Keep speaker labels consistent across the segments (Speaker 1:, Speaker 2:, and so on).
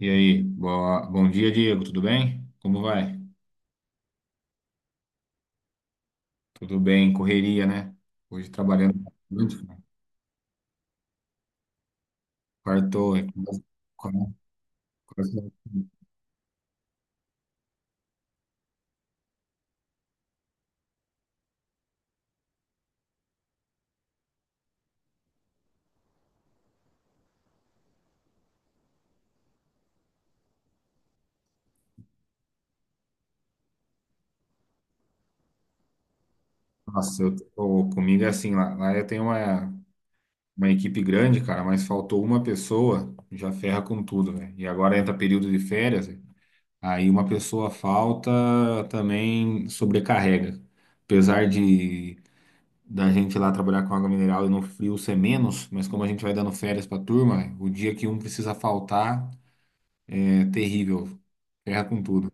Speaker 1: E aí, bom dia, Diego, tudo bem? Como vai? Tudo bem, correria, né? Hoje trabalhando muito, né? Quartou, é quase- quase- Nossa, eu comigo é assim, lá eu tenho uma equipe grande, cara, mas faltou uma pessoa, já ferra com tudo, né? E agora entra período de férias, né? Aí uma pessoa falta também sobrecarrega. Apesar de da gente lá trabalhar com água mineral e no frio ser menos, mas como a gente vai dando férias pra turma, o dia que um precisa faltar é terrível, ferra com tudo.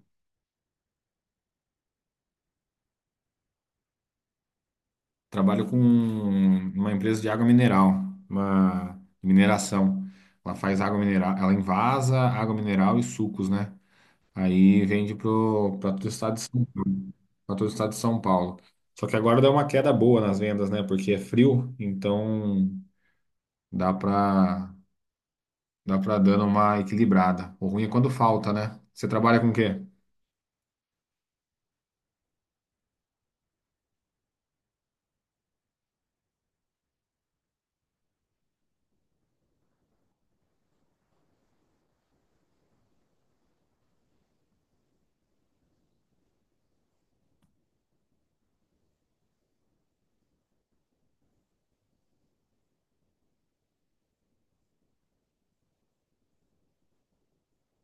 Speaker 1: Trabalho com uma empresa de água mineral, uma mineração. Ela faz água mineral, ela envasa água mineral e sucos, né? Para todo o estado de pra todo o estado de São Paulo. Só que agora deu uma queda boa nas vendas, né? Porque é frio, então dá para dá para dando uma equilibrada. O ruim é quando falta, né? Você trabalha com o quê?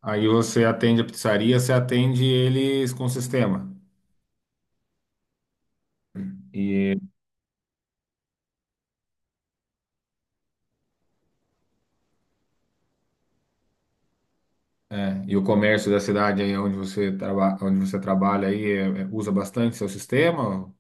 Speaker 1: Aí você atende a pizzaria, você atende eles com o sistema. E, e o comércio da cidade aí onde onde você trabalha aí usa bastante seu sistema?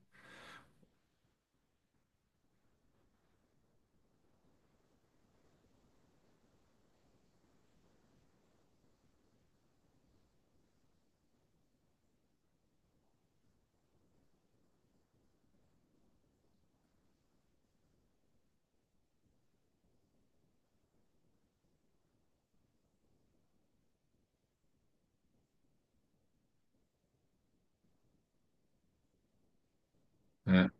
Speaker 1: É.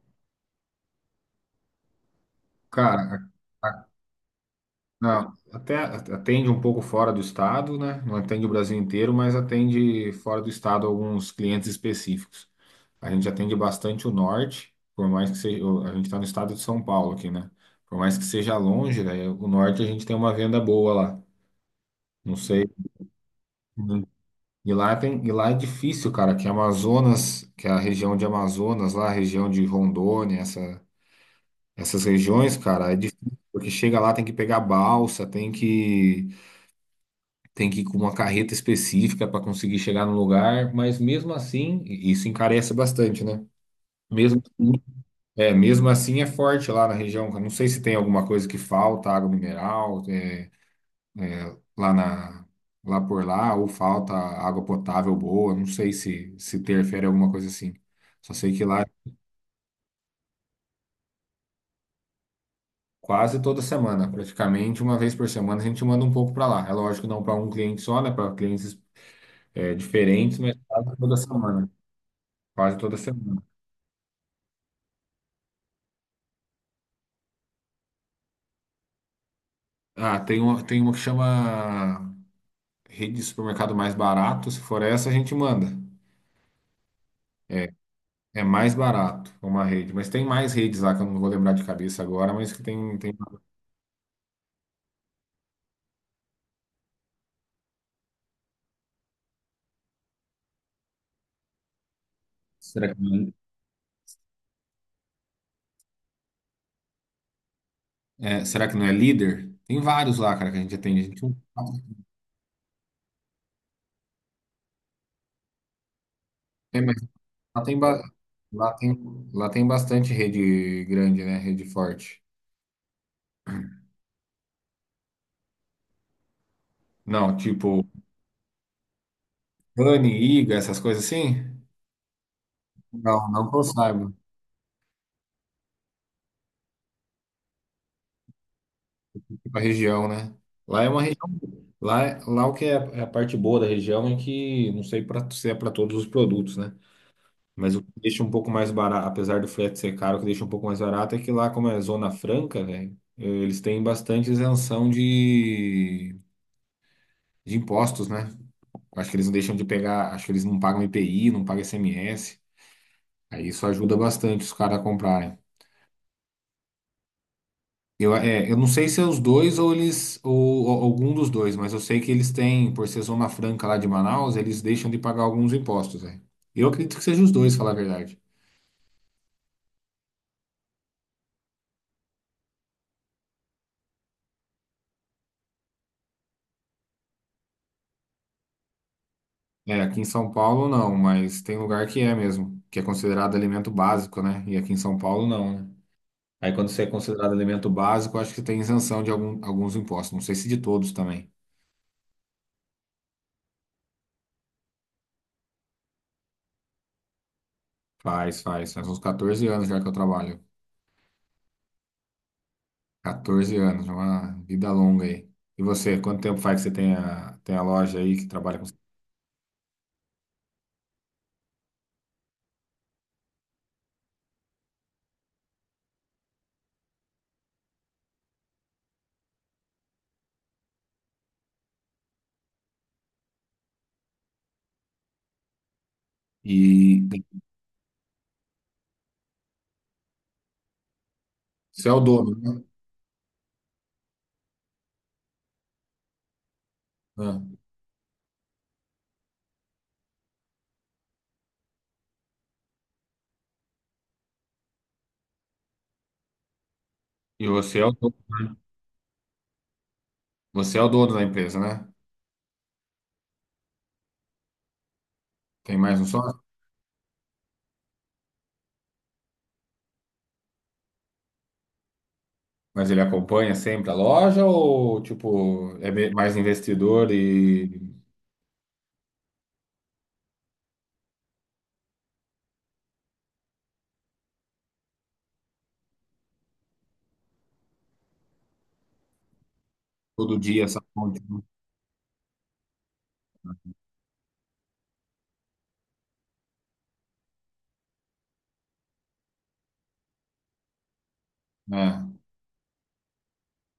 Speaker 1: Cara, a- Não, até atende um pouco fora do estado, né? Não atende o Brasil inteiro, mas atende fora do estado alguns clientes específicos. A gente atende bastante o norte, por mais que seja, a gente está no estado de São Paulo aqui, né? Por mais que seja longe, né? O norte a gente tem uma venda boa lá. Não sei. Uhum. E lá tem, e lá é difícil, cara, que Amazonas, que é a região de Amazonas, lá a região de Rondônia, essas regiões, cara, é difícil, porque chega lá tem que pegar balsa, tem que ir com uma carreta específica para conseguir chegar no lugar, mas mesmo assim, isso encarece bastante, né? Mesmo, assim- é, mesmo assim é forte lá na região. Eu não sei se tem alguma coisa que falta, água mineral, é, lá lá por lá, ou falta água potável boa, não sei se se interfere alguma coisa assim. Só sei que lá é quase toda semana, praticamente uma vez por semana, a gente manda um pouco para lá. É lógico, não para um cliente só, né? Para clientes é, diferentes, mas quase toda semana. Quase toda semana. Ah, tem uma que chama rede de supermercado mais barato. Se for essa, a gente manda. É mais barato uma rede. Mas tem mais redes lá que eu não vou lembrar de cabeça agora, mas que tem, tem... Será que não? Será que não é líder? Tem vários lá, cara, que a gente atende. A gente... É, mas lá tem, lá tem, lá tem bastante rede grande, né? Rede forte. Não, tipo, Dani, Iga, essas coisas assim? Não, não que eu saiba. Tipo a região, né? Lá é uma região. Lá o que é a é a parte boa da região é que, não sei pra, se é para todos os produtos, né? Mas o que deixa um pouco mais barato, apesar do frete ser caro, o que deixa um pouco mais barato é que lá, como é Zona Franca, velho, eles têm bastante isenção de impostos, né? Acho que eles não deixam de pegar, acho que eles não pagam IPI, não pagam ICMS. Aí isso ajuda bastante os caras a comprarem. Eu não sei se é os dois, ou ou algum dos dois, mas eu sei que eles têm, por ser Zona Franca lá de Manaus, eles deixam de pagar alguns impostos, né? Eu acredito que seja os dois, falar a verdade. É, aqui em São Paulo não, mas tem lugar que é mesmo, que é considerado alimento básico, né? E aqui em São Paulo não, né? Aí quando você é considerado alimento básico, eu acho que tem isenção de algum, alguns impostos, não sei se de todos também. Faz uns 14 anos já que eu trabalho. 14 anos, uma vida longa aí. E você, quanto tempo faz que você tem tem a loja aí que trabalha com... E você é o dono, né? Ah, e você é o dono, né? Você é o dono da empresa, né? Tem mais um sócio? Mas ele acompanha sempre a loja ou, tipo, mais investidor e todo dia essa ponte, né?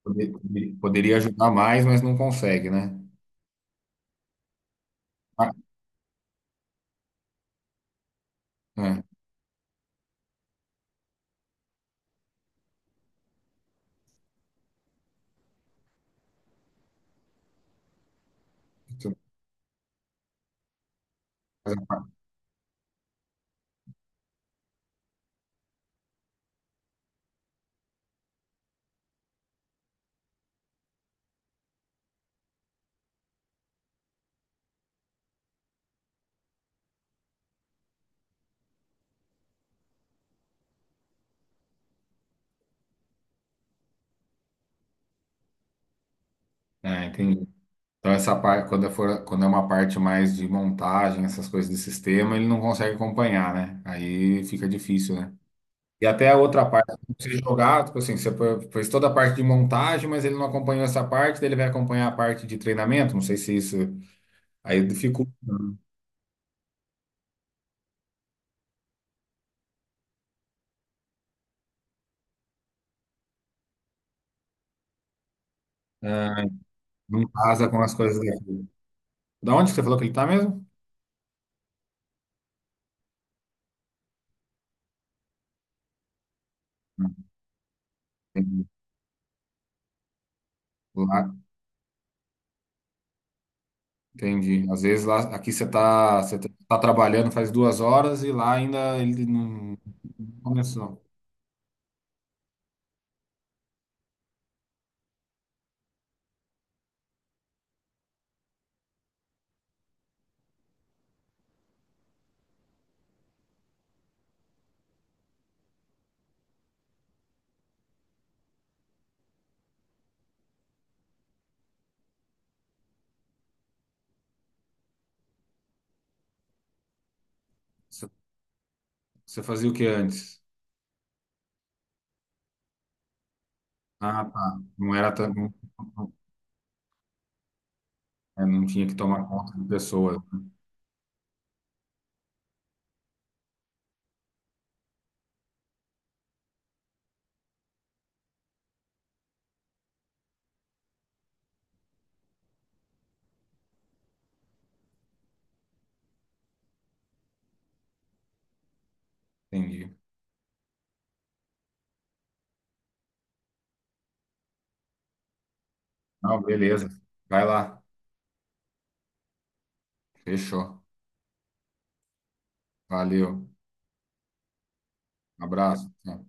Speaker 1: Poderia ajudar mais, mas não consegue, né? Ah, é. Isso- Ah, entendi. Então, essa parte, quando é uma parte mais de montagem, essas coisas de sistema, ele não consegue acompanhar, né? Aí fica difícil, né? E até a outra parte, você jogar, tipo assim, fez toda a parte de montagem, mas ele não acompanhou essa parte, daí ele vai acompanhar a parte de treinamento, não sei se isso aí dificulta, né? Ah, não casa com as coisas daqui. Da onde que você falou que ele tá mesmo? Entendi. Lá, entendi. Às vezes lá, você tá trabalhando faz 2 horas e lá ainda ele não não começou. Você fazia o que antes? Ah, tá. Não era tão. Não, não é, não tinha que tomar conta de pessoas. Entendi. Não, beleza. Vai lá. Fechou. Valeu. Abraço. Tchau.